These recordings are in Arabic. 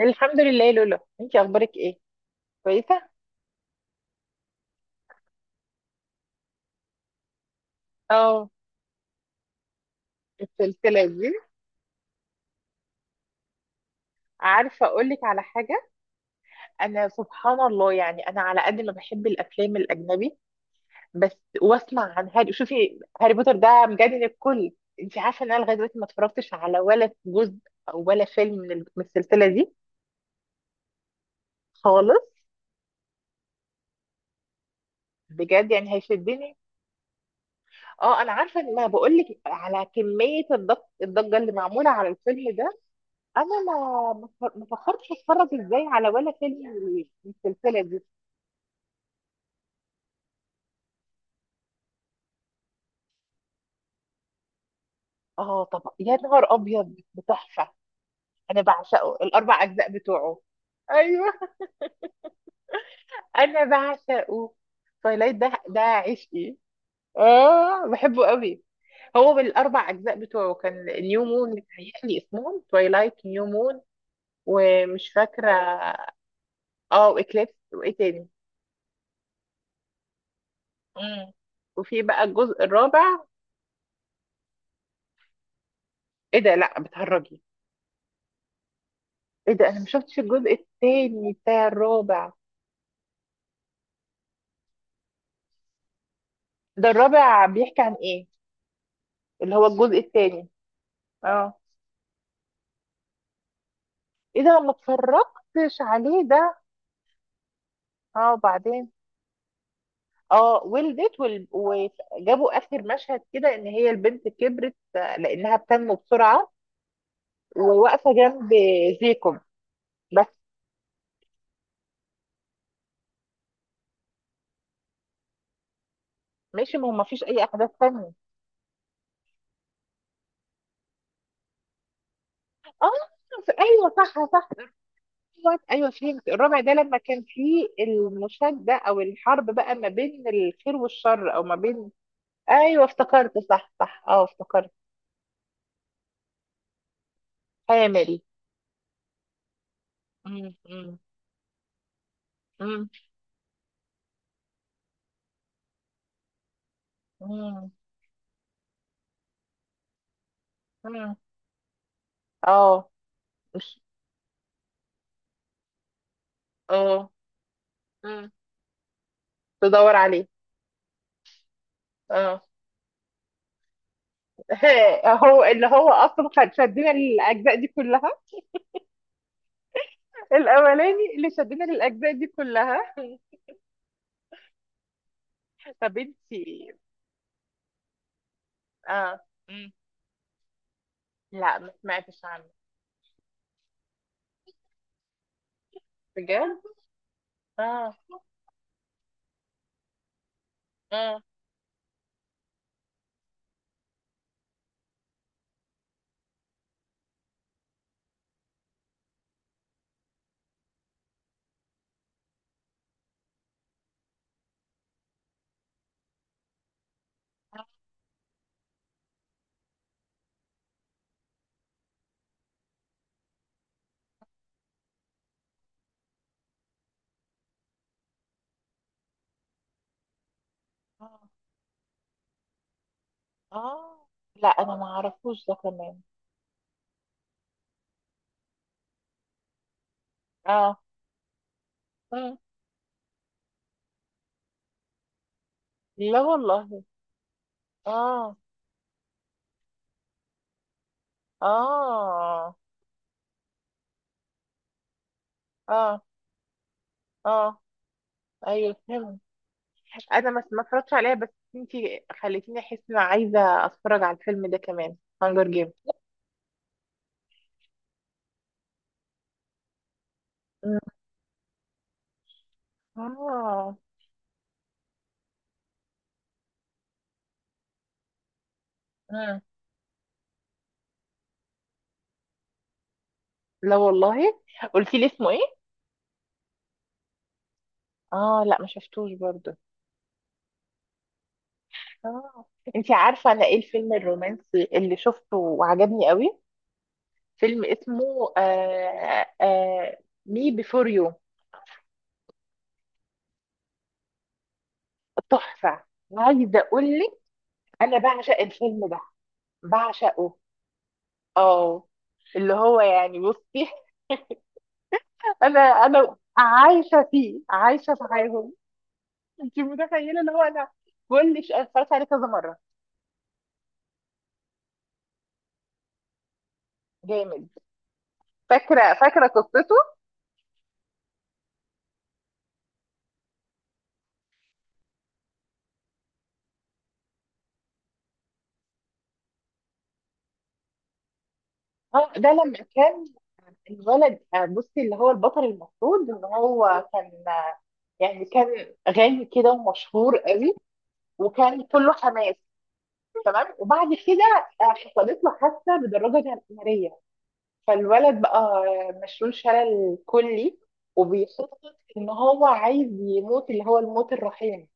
الحمد لله، لولا انتي. اخبارك ايه؟ كويسه. اه. السلسله دي. عارفه اقول لك على حاجه؟ انا، سبحان الله، يعني انا على قد ما بحب الافلام الاجنبي، بس واسمع عن هاري. شوفي، هاري بوتر ده مجنن الكل. انتي عارفه ان انا لغايه دلوقتي ما اتفرجتش على ولا جزء او ولا فيلم من السلسله دي خالص. بجد يعني هيشدني؟ اه، انا عارفه ان ما بقول لك على كميه الضجه اللي معموله على الفيلم ده. انا ما فكرتش اتفرج ازاي على ولا فيلم من السلسله دي. اه، طب يا نهار ابيض، بتحفه! انا بعشقه، الاربع اجزاء بتوعه. ايوه. انا بعشقه. تويلايت ده، ده عشقي. اه، بحبه قوي. هو بالاربع اجزاء بتوعه كان نيو مون. متهيألي اسمهم تويلايت، نيو مون، ومش فاكره. اه، واكليبس. وايه تاني؟ مم. وفي بقى الجزء الرابع. ايه ده؟ لا بتهرجي! ايه ده، انا ما شفتش الجزء التاني بتاع الرابع. ده الرابع بيحكي عن ايه؟ اللي هو الجزء التاني. اه. ايه ده، ما اتفرجتش عليه ده. اه، وبعدين؟ اه، ولدت وجابوا اخر مشهد كده ان هي البنت كبرت، لانها بتنمو بسرعة وواقفة جنب. زيكم. بس. ماشي، ما هو ما فيش اي احداث تانية. اه، ايوه صح صح. ايوه ايوه، فهمت. الرابع ده لما كان فيه المشادة، او الحرب بقى ما بين الخير والشر، او ما بين... ايوه، افتكرت، صح صح. اه، افتكرت. حامل. مم، مم، مم، مم، مم. اه. مش. اه. مم. تدور عليه. اه. هو اللي هو اصلا كان شدنا للاجزاء دي كلها. الاولاني اللي شدنا للاجزاء دي كلها. طب انتي. اه. مم. لا، ما سمعتش عنه. بجد؟ اه، اه، اه، اه. لا، انا ما اعرفوش ده كمان. اه، اه. لا والله. اه، اه، اه، اه، ايوه فهمت. انا ما اتفرجتش عليها بس. انتي خليتيني احس ان انا عايزه اتفرج على الفيلم ده كمان، هانجر جيم. اه. مم. لا والله. قلتي لي اسمه ايه؟ اه، لا ما شفتوش برضو. اه. انتي عارفه انا ايه الفيلم الرومانسي اللي شفته وعجبني قوي؟ فيلم اسمه مي بيفور يو. تحفه. عايزه اقول لك، انا بعشق الفيلم ده، بعشقه. اه، اللي هو يعني، بصي. انا عايشه فيه، عايشه في حياتهم. انت متخيله اللي هو انا كل شيء أنا اتفرجت عليه كذا مره. جامد. فاكره فاكره قصته. اه، ده لما كان الولد، بصي، اللي هو البطل، المفروض ان هو كان يعني كان غني كده، ومشهور قوي، وكان كله حماس. تمام. وبعد كده حصلت له حادثه بدراجه ناريه. فالولد بقى مشلول شلل كلي، وبيخطط ان هو عايز يموت، اللي هو الموت الرحيم.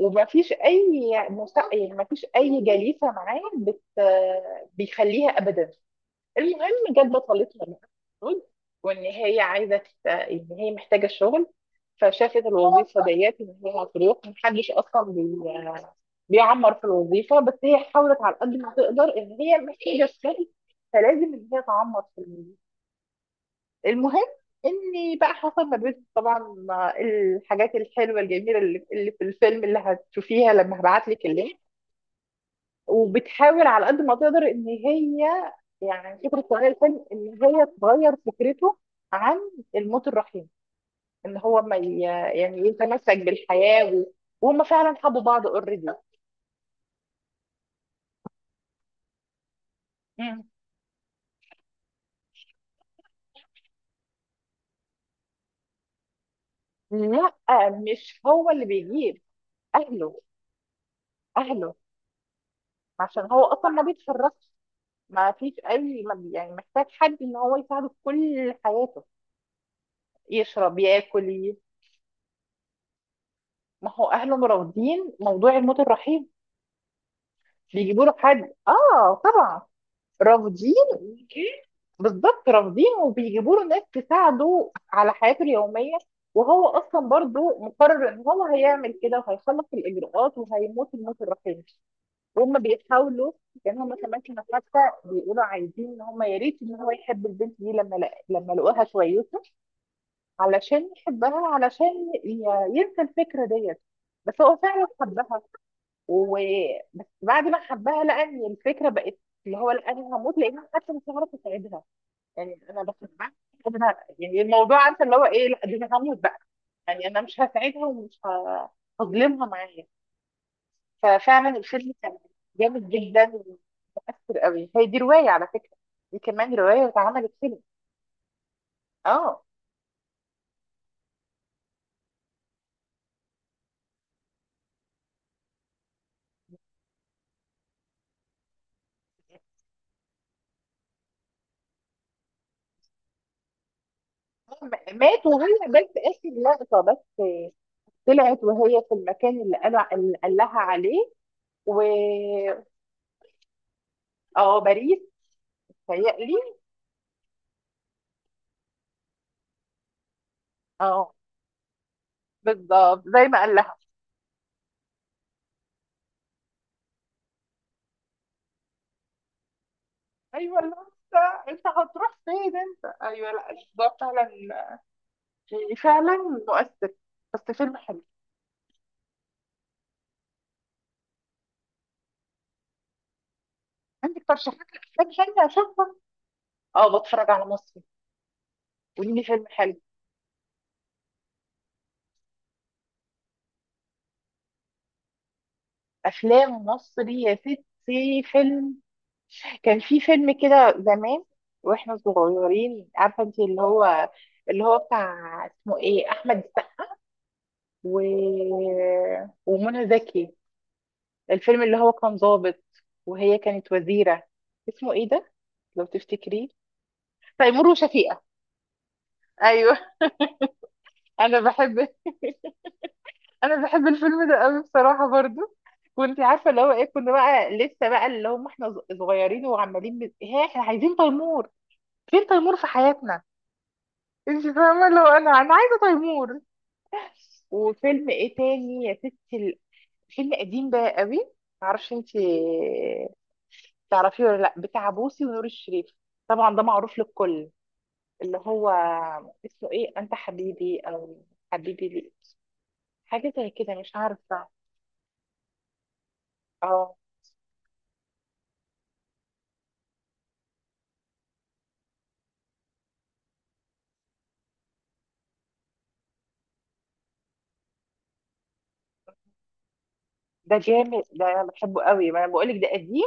ومفيش اي يعني مفيش اي جليسه معاه بيخليها ابدا. المهم جت بطلتنا بقى. المفروض. وان هي عايزه ان هي محتاجه الشغل. فشافت الوظيفه ديت ان هي هتروح محدش اصلا بيعمر في الوظيفه، بس هي حاولت على قد ما تقدر، ان هي محتاجه الشغل، فلازم ان هي تعمر في... المهم، اني بقى حصل ما بين طبعا الحاجات الحلوه الجميله اللي في الفيلم اللي هتشوفيها لما هبعت لك اللينك، وبتحاول على قد ما تقدر ان هي يعني فكره تغير الفيلم، ان هي تغير فكرته عن الموت الرحيم، ان هو ما يعني يتمسك بالحياه وهم فعلا حبوا بعض اوريدي. لا، مش هو اللي بيجيب. اهله. اهله. عشان هو اصلا ما بيتفرجش. ما فيش اي يعني محتاج حد ان هو يساعده في كل حياته. يشرب، ياكل، ما هو اهله مرافضين موضوع الموت الرحيم. بيجيبوا له حد، اه طبعا. رافضين. بالظبط، رافضين، وبيجيبوا له ناس تساعده على حياته اليوميه. وهو اصلا برضو مقرر ان هو هيعمل كده، وهيخلص الاجراءات وهيموت الموت الرحيم. وهم بيحاولوا، لان هم كمان كانوا حتى بيقولوا عايزين ان هم يا ريت ان هو يحب البنت دي لما لقوها شويته، علشان يحبها، علشان ي- ينسى الفكرة ديت. بس هو فعلا حبها و... بس بعد ما حبها لقى ان الفكرة بقت، اللي هو لا انا هموت لانها حتى مش هعرف اساعدها، يعني انا بحبها. يعني الموضوع عارفه اللي هو ايه، لا دي انا هموت بقى، يعني انا مش هساعدها، ومش هظلمها معايا. ففعلا الفيلم كان جامد جدا، ومؤثر قوي. هي دي رواية على فكرة، دي كمان رواية واتعملت فيلم. اه، مات. وهي بس اخر لقطة، بس طلعت وهي في المكان اللي قال لها عليه و اه، باريس، تهيألي. اه، بالظبط زي ما قال لها. ايوه لا، انت هتروح فين انت؟ ايوه لا، الموضوع فعلا يعني فعلا مؤثر، بس فيلم حلو. عندك ترشيحات لافلام حلوه اشوفها؟ اه. بتفرج على مصري؟ قولي لي فيلم حلو. افلام مصري يا ستي، فيلم... كان في فيلم كده زمان واحنا صغيرين، عارفه انت، اللي هو بتاع اسمه ايه، احمد السقا و... ومنى زكي. الفيلم اللي هو كان ضابط وهي كانت وزيره. اسمه ايه ده؟ لو تفتكريه. تيمور وشفيقه. ايوه. انا بحب. انا بحب الفيلم ده قوي بصراحه برضو. وانت عارفه اللي هو ايه، كنا بقى لسه بقى اللي هم احنا صغيرين، وعمالين ها احنا عايزين تيمور. فين تيمور في حياتنا؟ انت فاهمه اللي هو انا عايزه تيمور. وفيلم ايه تاني يا ستي، فيلم قديم بقى قوي. معرفش انت تعرفيه ولا لا، بتاع بوسي ونور الشريف. طبعا ده معروف للكل. اللي هو اسمه ايه، انت حبيبي، او حبيبي لي، حاجه زي كده، مش عارفه. اه، ده جامد، ده انا بحبه قوي، ما انا بقولك ده قديم.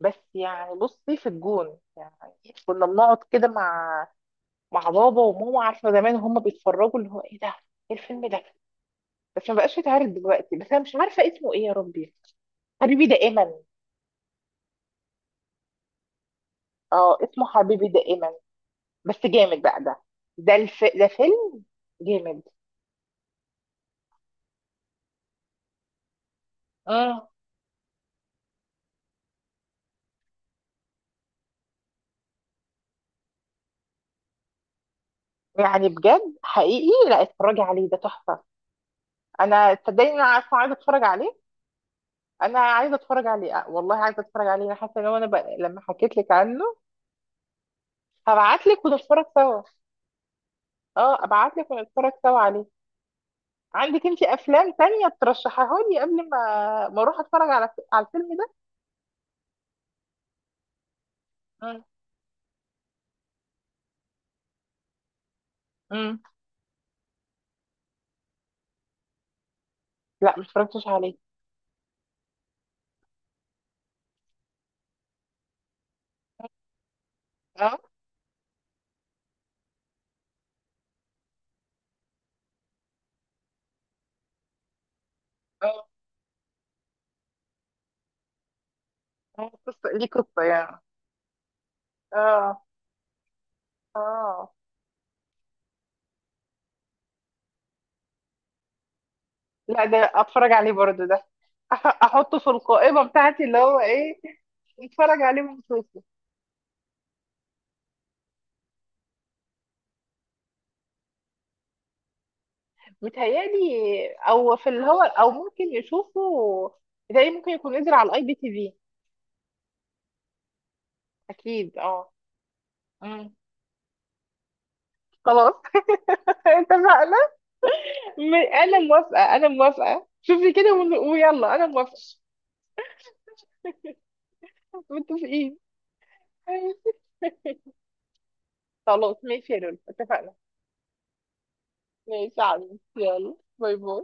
بس يعني بصي، في الجون يعني، كنا بنقعد كده مع بابا وماما، عارفه، زمان وهم بيتفرجوا اللي هو ايه ده. ايه الفيلم ده؟ بس ما بقاش يتعرض دلوقتي، بس انا مش عارفه اسمه ايه يا ربي. حبيبي دائما. اه، اسمه حبيبي دائما، بس جامد بقى ده. ده فيلم جامد. اه، يعني بجد حقيقي، لا اتفرجي عليه ده تحفه. انا صدقني، انا عارفه عايزه اتفرج عليه. انا عايزه اتفرج عليه، والله عايزه اتفرج عليه، انا حاسه ان هو انا بقى... لما حكيت لك عنه. هبعت لك ونتفرج سوا. اه، ابعت لك ونتفرج سوا عليه. عندك انت افلام تانية ترشحها لي قبل ما اروح اتفرج على الفيلم ده؟ مم. مم. لا، ما اتفرجتش عليه. اه، اه، قصة ليه قصة يعني؟ اه، اه. لا، ده اتفرج عليه برضو ده، احطه في القائمة بتاعتي اللي هو ايه، اتفرج عليه ونشوفه. متهيألي او في اللي هو، او ممكن يشوفه. متهيألي ممكن يكون نزل على الـ IPTV. اكيد، اه. مم. خلاص. اتفقنا. انا موافقه، انا موافقه، شوفي كده، ويلا انا موافقه. متفقين. خلاص، ماشي يا لولو، اتفقنا. ماشي يا عمي، يلا، باي باي.